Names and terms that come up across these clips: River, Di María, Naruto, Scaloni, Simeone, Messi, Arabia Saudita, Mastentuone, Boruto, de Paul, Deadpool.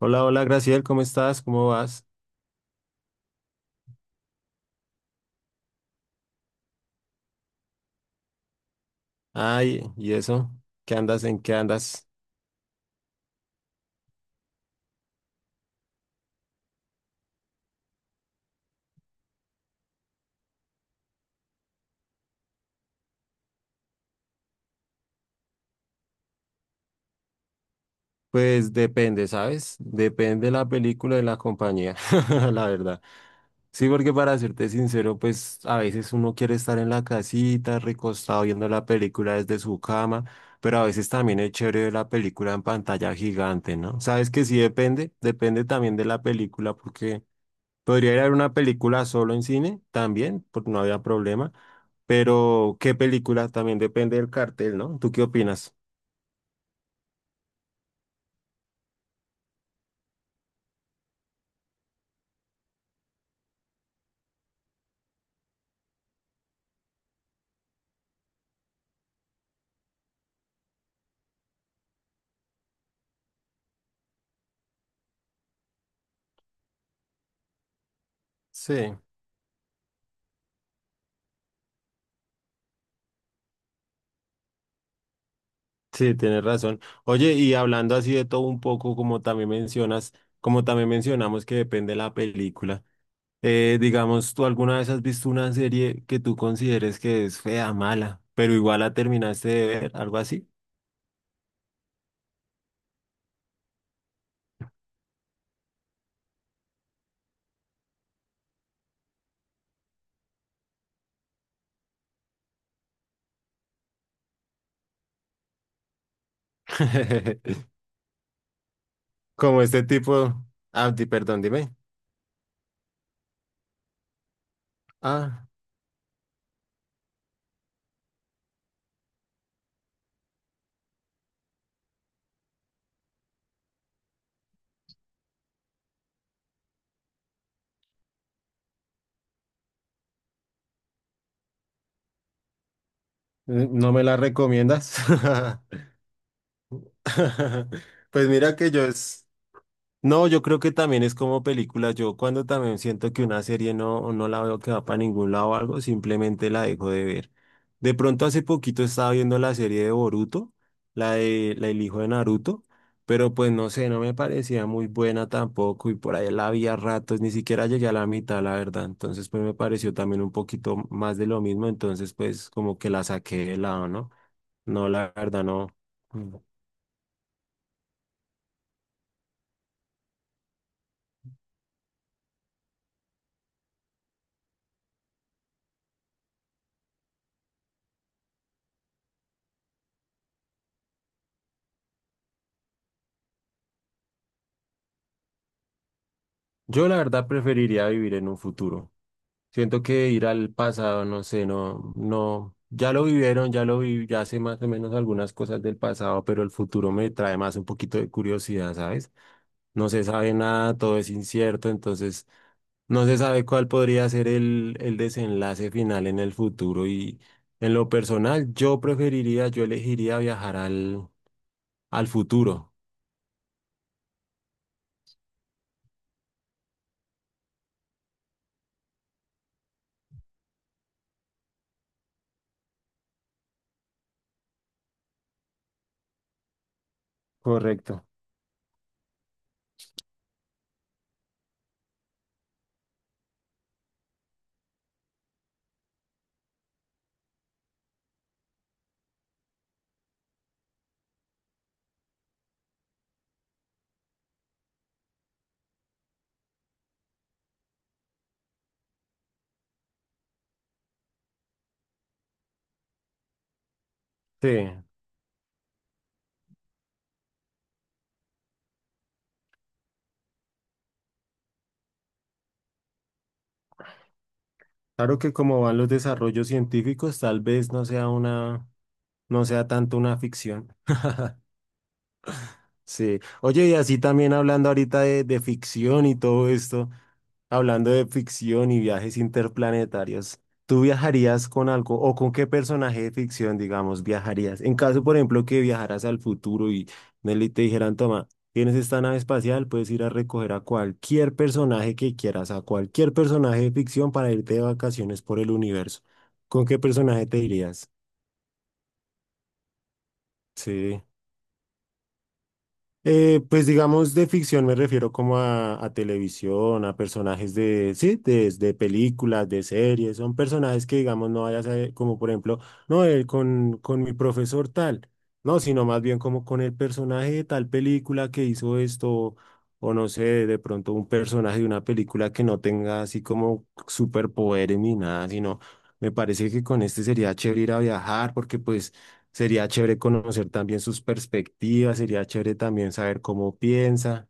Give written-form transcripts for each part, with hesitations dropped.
Hola, hola, Graciel, ¿cómo estás? ¿Cómo vas? Ay, ¿y eso? ¿Qué andas? ¿En qué andas? Pues depende, ¿sabes? Depende la película de la compañía, la verdad. Sí, porque para serte sincero, pues a veces uno quiere estar en la casita, recostado viendo la película desde su cama, pero a veces también es chévere ver la película en pantalla gigante, ¿no? ¿Sabes que sí depende? Depende también de la película, porque podría ir a ver una película solo en cine también, porque no había problema. Pero, ¿qué película? También depende del cartel, ¿no? ¿Tú qué opinas? Sí. Sí, tienes razón. Oye, y hablando así de todo un poco, como también mencionas, como también mencionamos que depende la película, digamos, ¿tú alguna vez has visto una serie que tú consideres que es fea, mala, pero igual la terminaste de ver, algo así? Como este tipo, ah, perdón, dime. Ah, ¿no me la recomiendas? Pues mira que yo es... No, yo creo que también es como película. Yo cuando también siento que una serie no la veo que va para ningún lado o algo, simplemente la dejo de ver. De pronto hace poquito estaba viendo la serie de Boruto, la de la del hijo de Naruto, pero pues no sé, no me parecía muy buena tampoco y por ahí la vi a ratos, ni siquiera llegué a la mitad, la verdad. Entonces pues me pareció también un poquito más de lo mismo, entonces pues como que la saqué de lado, ¿no? No, la verdad no. Mm. Yo la verdad preferiría vivir en un futuro. Siento que ir al pasado, no sé, no, no, ya lo vivieron, ya lo vi, ya sé más o menos algunas cosas del pasado, pero el futuro me trae más un poquito de curiosidad, ¿sabes? No se sabe nada, todo es incierto, entonces no se sabe cuál podría ser el desenlace final en el futuro y en lo personal yo preferiría, yo elegiría viajar al futuro. Correcto. Sí, claro que como van los desarrollos científicos, tal vez no sea una, no sea tanto una ficción. Sí. Oye, y así también hablando ahorita de ficción y todo esto, hablando de ficción y viajes interplanetarios, ¿tú viajarías con algo o con qué personaje de ficción, digamos, viajarías? En caso, por ejemplo, que viajaras al futuro y Nelly te dijeran, toma, tienes esta nave espacial, puedes ir a recoger a cualquier personaje que quieras, a cualquier personaje de ficción para irte de vacaciones por el universo. ¿Con qué personaje te irías? Sí. Pues digamos de ficción me refiero como a televisión, a personajes de, sí, de películas, de series, son personajes que digamos no vayas a, como por ejemplo, no, con mi profesor tal, no, sino más bien como con el personaje de tal película que hizo esto, o no sé, de pronto un personaje de una película que no tenga así como superpoderes ni nada, sino me parece que con este sería chévere ir a viajar porque pues... Sería chévere conocer también sus perspectivas, sería chévere también saber cómo piensa.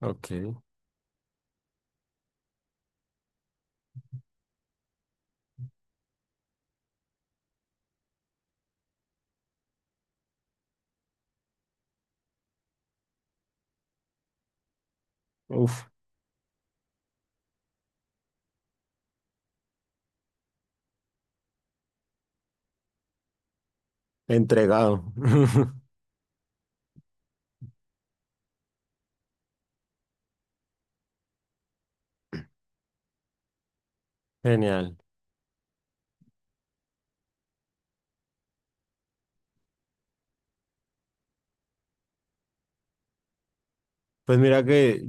Ok, uf, entregado. Genial. Pues mira que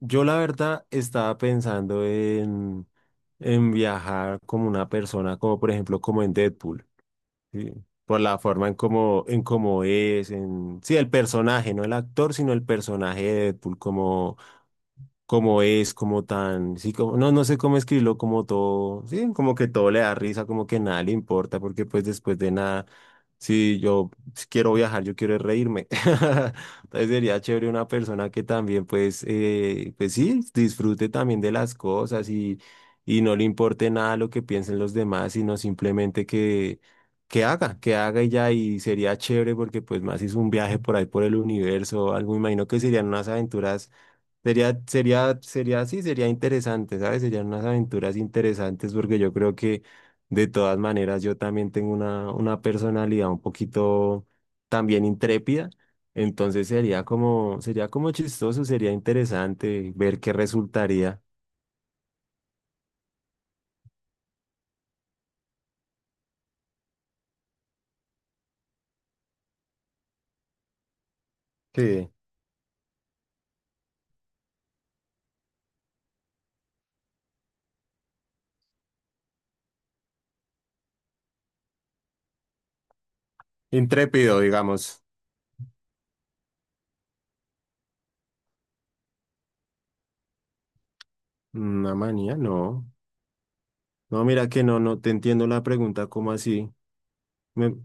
yo la verdad estaba pensando en viajar como una persona, como por ejemplo como en Deadpool, ¿sí? Por la forma en cómo es, en, sí, el personaje, no el actor, sino el personaje de Deadpool, como... como es, como tan, sí, como, no sé cómo escribirlo, como todo, sí, como que todo le da risa, como que nada le importa, porque pues después de nada, si yo si quiero viajar, yo quiero es reírme. Entonces sería chévere una persona que también pues, pues sí, disfrute también de las cosas y no le importe nada lo que piensen los demás, sino simplemente que haga y ya, y sería chévere porque pues más hizo un viaje por ahí por el universo, algo, me imagino que serían unas aventuras. Sería, así sería interesante, ¿sabes? Serían unas aventuras interesantes porque yo creo que de todas maneras yo también tengo una personalidad un poquito también intrépida, entonces sería como chistoso, sería interesante ver qué resultaría. Sí, intrépido, digamos. Una manía, no. No, mira que no te entiendo la pregunta, ¿cómo así? Me-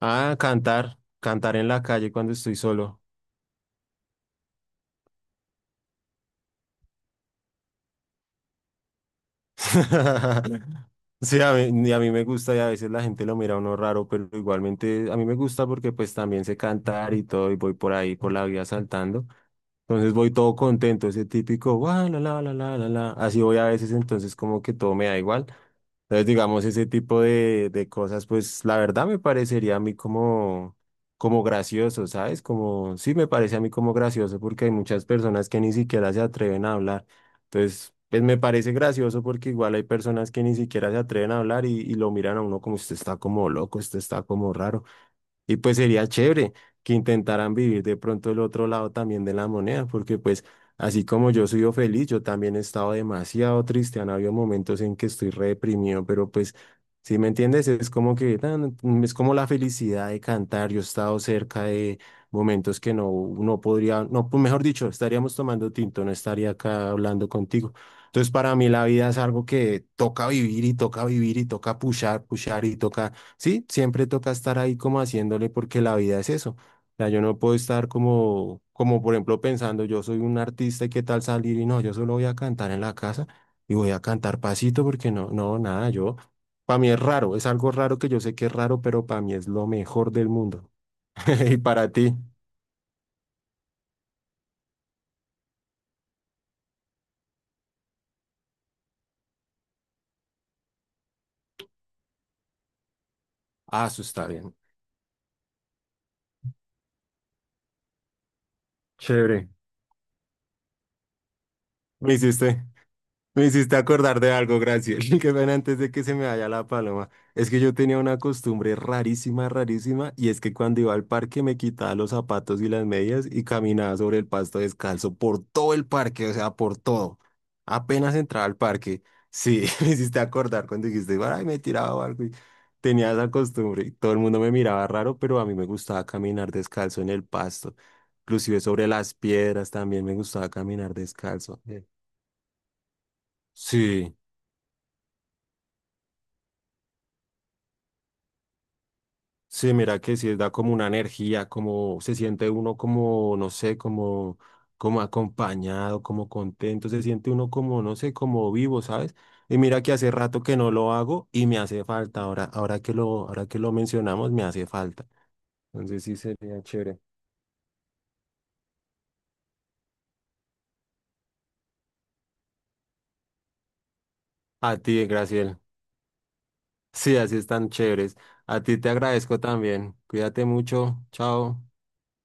Ah, cantar, cantar en la calle cuando estoy solo. Sí, a mí, a mí me gusta y a veces la gente lo mira a uno raro, pero igualmente a mí me gusta porque pues también sé cantar y todo y voy por ahí por la vida saltando. Entonces voy todo contento, ese típico, "Guau, la, la, la, la, la, la". Así voy a veces, entonces como que todo me da igual. Entonces, digamos, ese tipo de cosas, pues la verdad me parecería a mí como, como gracioso, ¿sabes? Como, sí me parece a mí como gracioso porque hay muchas personas que ni siquiera se atreven a hablar. Entonces, pues me parece gracioso porque igual hay personas que ni siquiera se atreven a hablar y lo miran a uno como usted está como loco, usted está como raro. Y pues sería chévere que intentaran vivir de pronto el otro lado también de la moneda, porque pues así como yo soy feliz, yo también he estado demasiado triste, han habido momentos en que estoy re deprimido, pero pues, si me entiendes, es como que es como la felicidad de cantar, yo he estado cerca de momentos que no podría, no, pues, mejor dicho, estaríamos tomando tinto, no estaría acá hablando contigo. Entonces para mí la vida es algo que toca vivir y toca vivir y toca pushar, pushar y toca. Sí, siempre toca estar ahí como haciéndole porque la vida es eso. O sea, yo no puedo estar como, como por ejemplo pensando, yo soy un artista y qué tal salir y no, yo solo voy a cantar en la casa y voy a cantar pasito porque nada, yo, para mí es raro, es algo raro que yo sé que es raro, pero para mí es lo mejor del mundo. Y para ti, ah, eso está bien. Chévere. Me hiciste. Me hiciste acordar de algo, gracias. Qué pena antes de que se me vaya la paloma. Es que yo tenía una costumbre rarísima, rarísima, y es que cuando iba al parque me quitaba los zapatos y las medias y caminaba sobre el pasto descalzo por todo el parque, o sea, por todo. Apenas entraba al parque, sí, me hiciste acordar cuando dijiste, ay, me tiraba algo. Y tenía esa costumbre y todo el mundo me miraba raro, pero a mí me gustaba caminar descalzo en el pasto. Inclusive sobre las piedras también me gustaba caminar descalzo. Sí. Sí. Sí, mira que sí da como una energía, como se siente uno como, no sé, como, como acompañado, como contento, se siente uno como, no sé, como vivo, ¿sabes? Y mira que hace rato que no lo hago y me hace falta, ahora, ahora que lo mencionamos, me hace falta. Entonces sí sería chévere. A ti, Graciel. Sí, así están chéveres. A ti te agradezco también. Cuídate mucho. Chao.